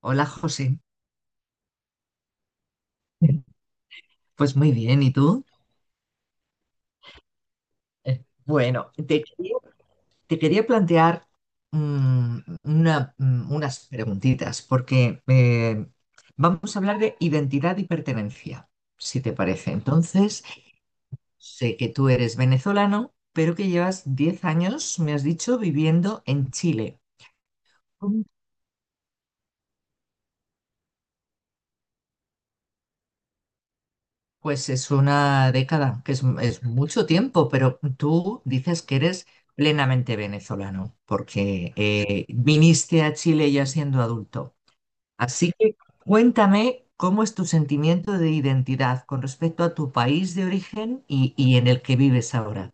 Hola José, pues muy bien, ¿y tú? Eh, Bueno, te quería, Te quería plantear unas preguntitas, porque vamos a hablar de identidad y pertenencia, si te parece. Entonces, sé que tú eres venezolano, pero que llevas 10 años, me has dicho, viviendo en Chile. Pues es una década, que es mucho tiempo, pero tú dices que eres plenamente venezolano, porque viniste a Chile ya siendo adulto. Así que cuéntame cómo es tu sentimiento de identidad con respecto a tu país de origen y en el que vives ahora.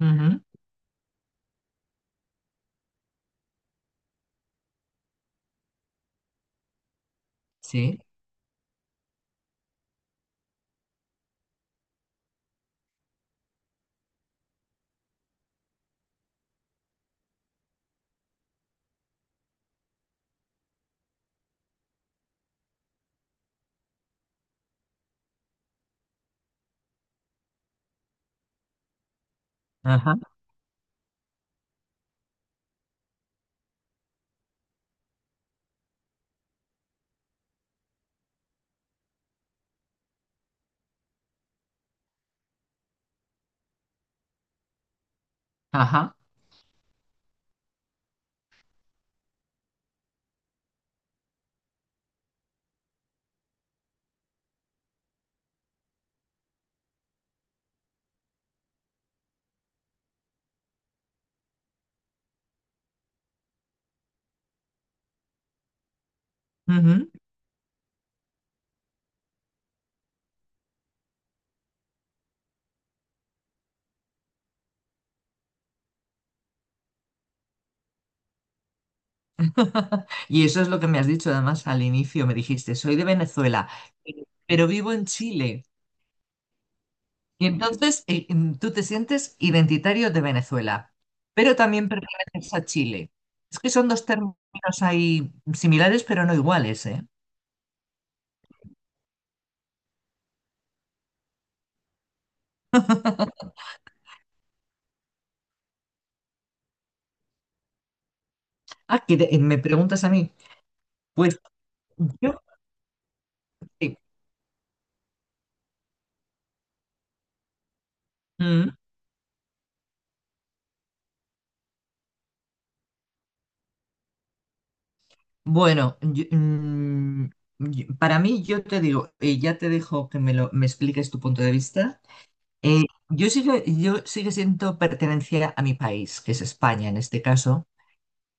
Ujú, sí, ajá, ajá. Ujú. Y eso es lo que me has dicho, además, al inicio me dijiste, soy de Venezuela, pero vivo en Chile. Y entonces tú te sientes identitario de Venezuela, pero también perteneces a Chile. Es que son dos términos ahí similares, pero no iguales, ¿eh? Ah, que te- me preguntas a mí. Pues yo, sí. Mm, bueno, yo- mm, para mí yo te digo, y ya te dejo que me expliques tu punto de vista. Eh, yo sigo siento pertenencia a mi país, que es España en este caso.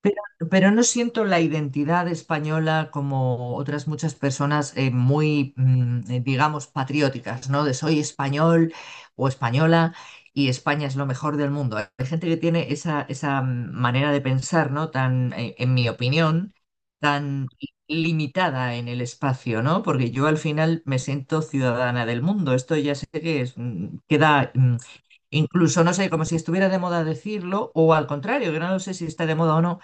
Pero, pero no siento la identidad española como otras muchas personas digamos, patrióticas, ¿no? De soy español o española y España es lo mejor del mundo. Hay gente que tiene esa manera de pensar, ¿no? Tan, en mi opinión, tan limitada en el espacio, ¿no? Porque yo al final me siento ciudadana del mundo. Esto ya sé que es, mm, queda mm, Incluso, no sé, como si estuviera de moda decirlo, o al contrario, que no lo sé si está de moda o no,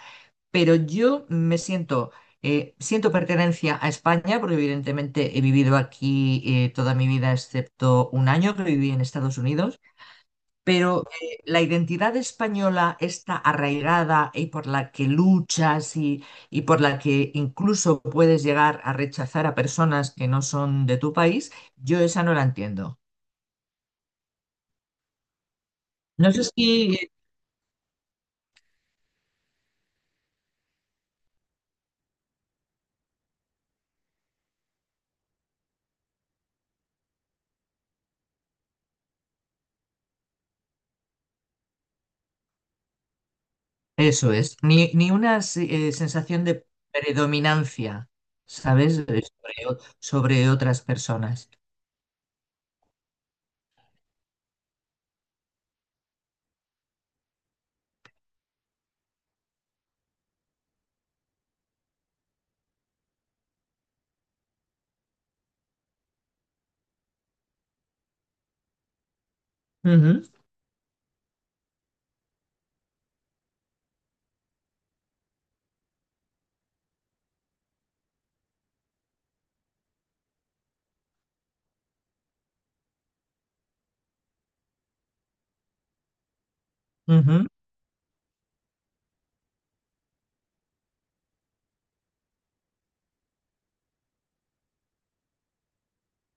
pero yo me siento, siento pertenencia a España, porque evidentemente he vivido aquí toda mi vida, excepto un año que viví en Estados Unidos, pero la identidad española está arraigada y por la que luchas y por la que incluso puedes llegar a rechazar a personas que no son de tu país, yo esa no la entiendo. No sé si Eso es, ni una sensación de predominancia, ¿sabes? Sobre, sobre otras personas. Ujú, ujú,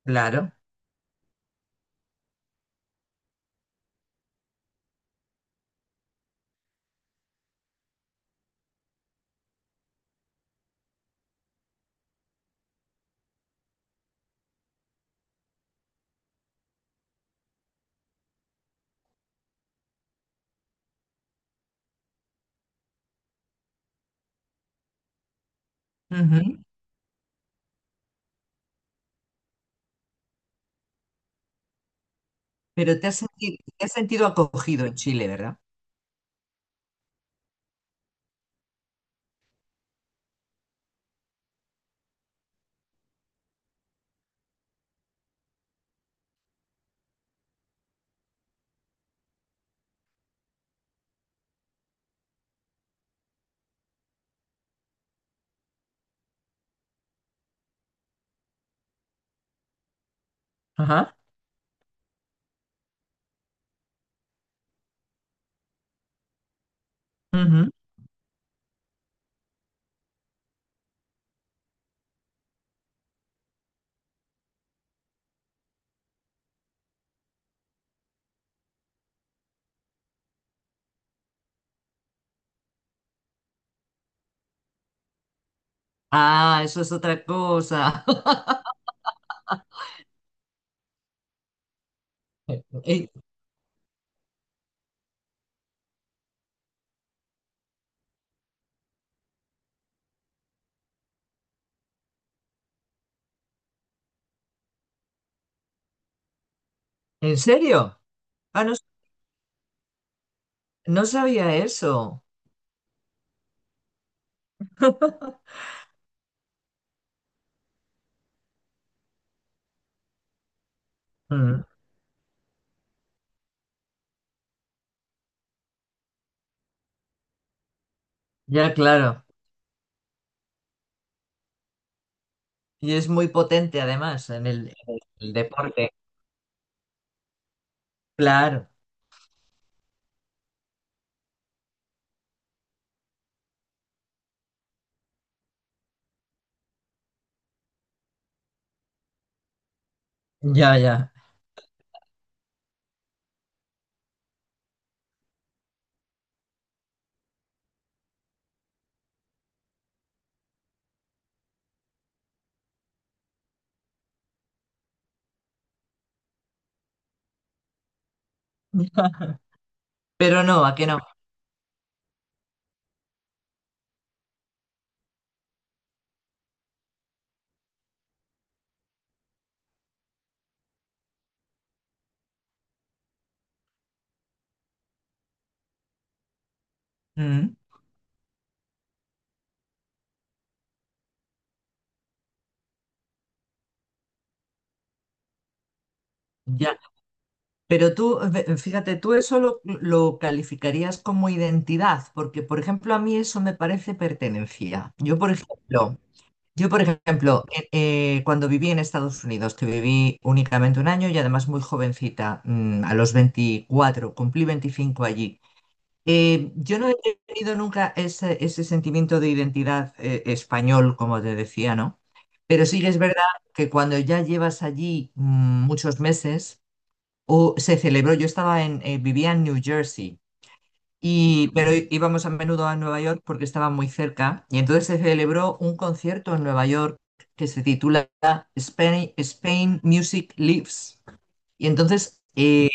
claro. Ujú. Pero te has sentido acogido en Chile, ¿verdad? Ajá. Ujú. Ah, eso es otra cosa. Eh, ¿En serio? Ah, no, no sabía eso. Mm, ya, claro. Y es muy potente además en el deporte. Claro. Ya, ya. Pero no, ¿a qué no? Mm, ya, pero tú, fíjate, tú eso lo calificarías como identidad, porque, por ejemplo, a mí eso me parece pertenencia. Yo, por ejemplo, cuando viví en Estados Unidos, que viví únicamente un año y además muy jovencita, a los 24 cumplí 25 allí. Yo no he tenido nunca ese sentimiento de identidad, español, como te decía, ¿no? Pero sí que es verdad que cuando ya llevas allí muchos meses, O se celebró, yo estaba vivía en New Jersey, y, pero íbamos a menudo a Nueva York porque estaba muy cerca, y entonces se celebró un concierto en Nueva York que se titula Spain, Spain Music Lives. Y entonces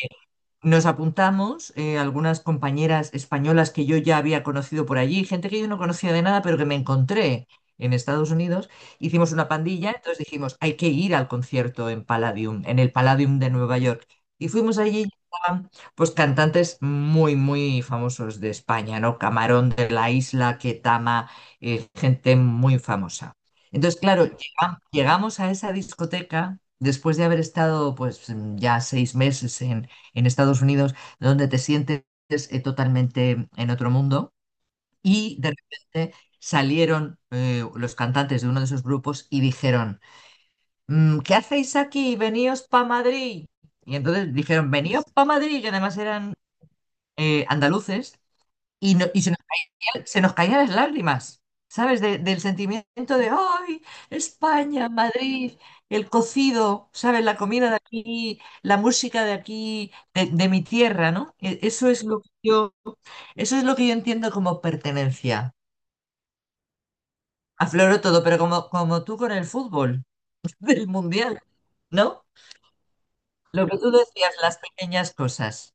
nos apuntamos, algunas compañeras españolas que yo ya había conocido por allí, gente que yo no conocía de nada, pero que me encontré en Estados Unidos. Hicimos una pandilla, entonces dijimos, hay que ir al concierto en Palladium, en el Palladium de Nueva York. Y fuimos allí y estaban pues cantantes muy, muy famosos de España, ¿no? Camarón de la Isla, Ketama, gente muy famosa. Entonces, claro, llegamos a esa discoteca después de haber estado pues ya 6 meses en Estados Unidos, donde te sientes totalmente en otro mundo. Y de repente salieron los cantantes de uno de esos grupos y dijeron, "Mm, ¿qué hacéis aquí? Veníos pa' Madrid. Y entonces dijeron, veníos pa' Madrid, que además eran andaluces, y, no- y se se nos caían las lágrimas, ¿sabes? Del sentimiento de, ¡ay! España, Madrid, el cocido, ¿sabes? La comida de aquí, la música de aquí, de mi tierra, ¿no? Eso es lo que yo, eso es lo que yo entiendo como pertenencia. Afloró todo, pero como, como tú con el fútbol del mundial, ¿no? Lo que tú decías, las pequeñas cosas.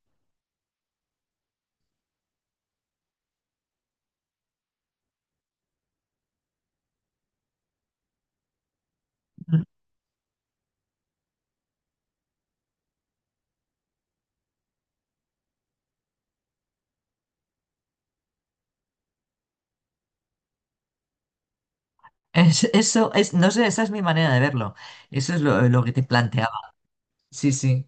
Eso es, no sé, esa es mi manera de verlo. Eso es lo que te planteaba. Sí, sí.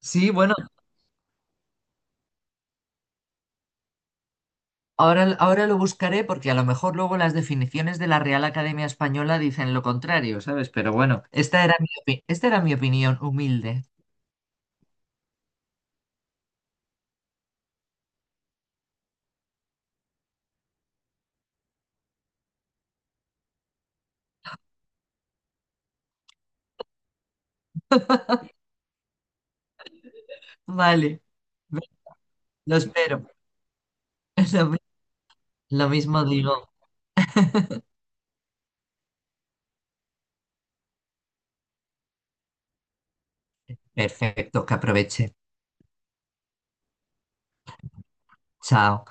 Sí, bueno. Ahora, ahora lo buscaré porque a lo mejor luego las definiciones de la Real Academia Española dicen lo contrario, ¿sabes? Pero bueno, esta era mi esta era mi opinión humilde. Vale, lo espero. Lo mi- lo mismo digo. Perfecto, que aproveche. Chao.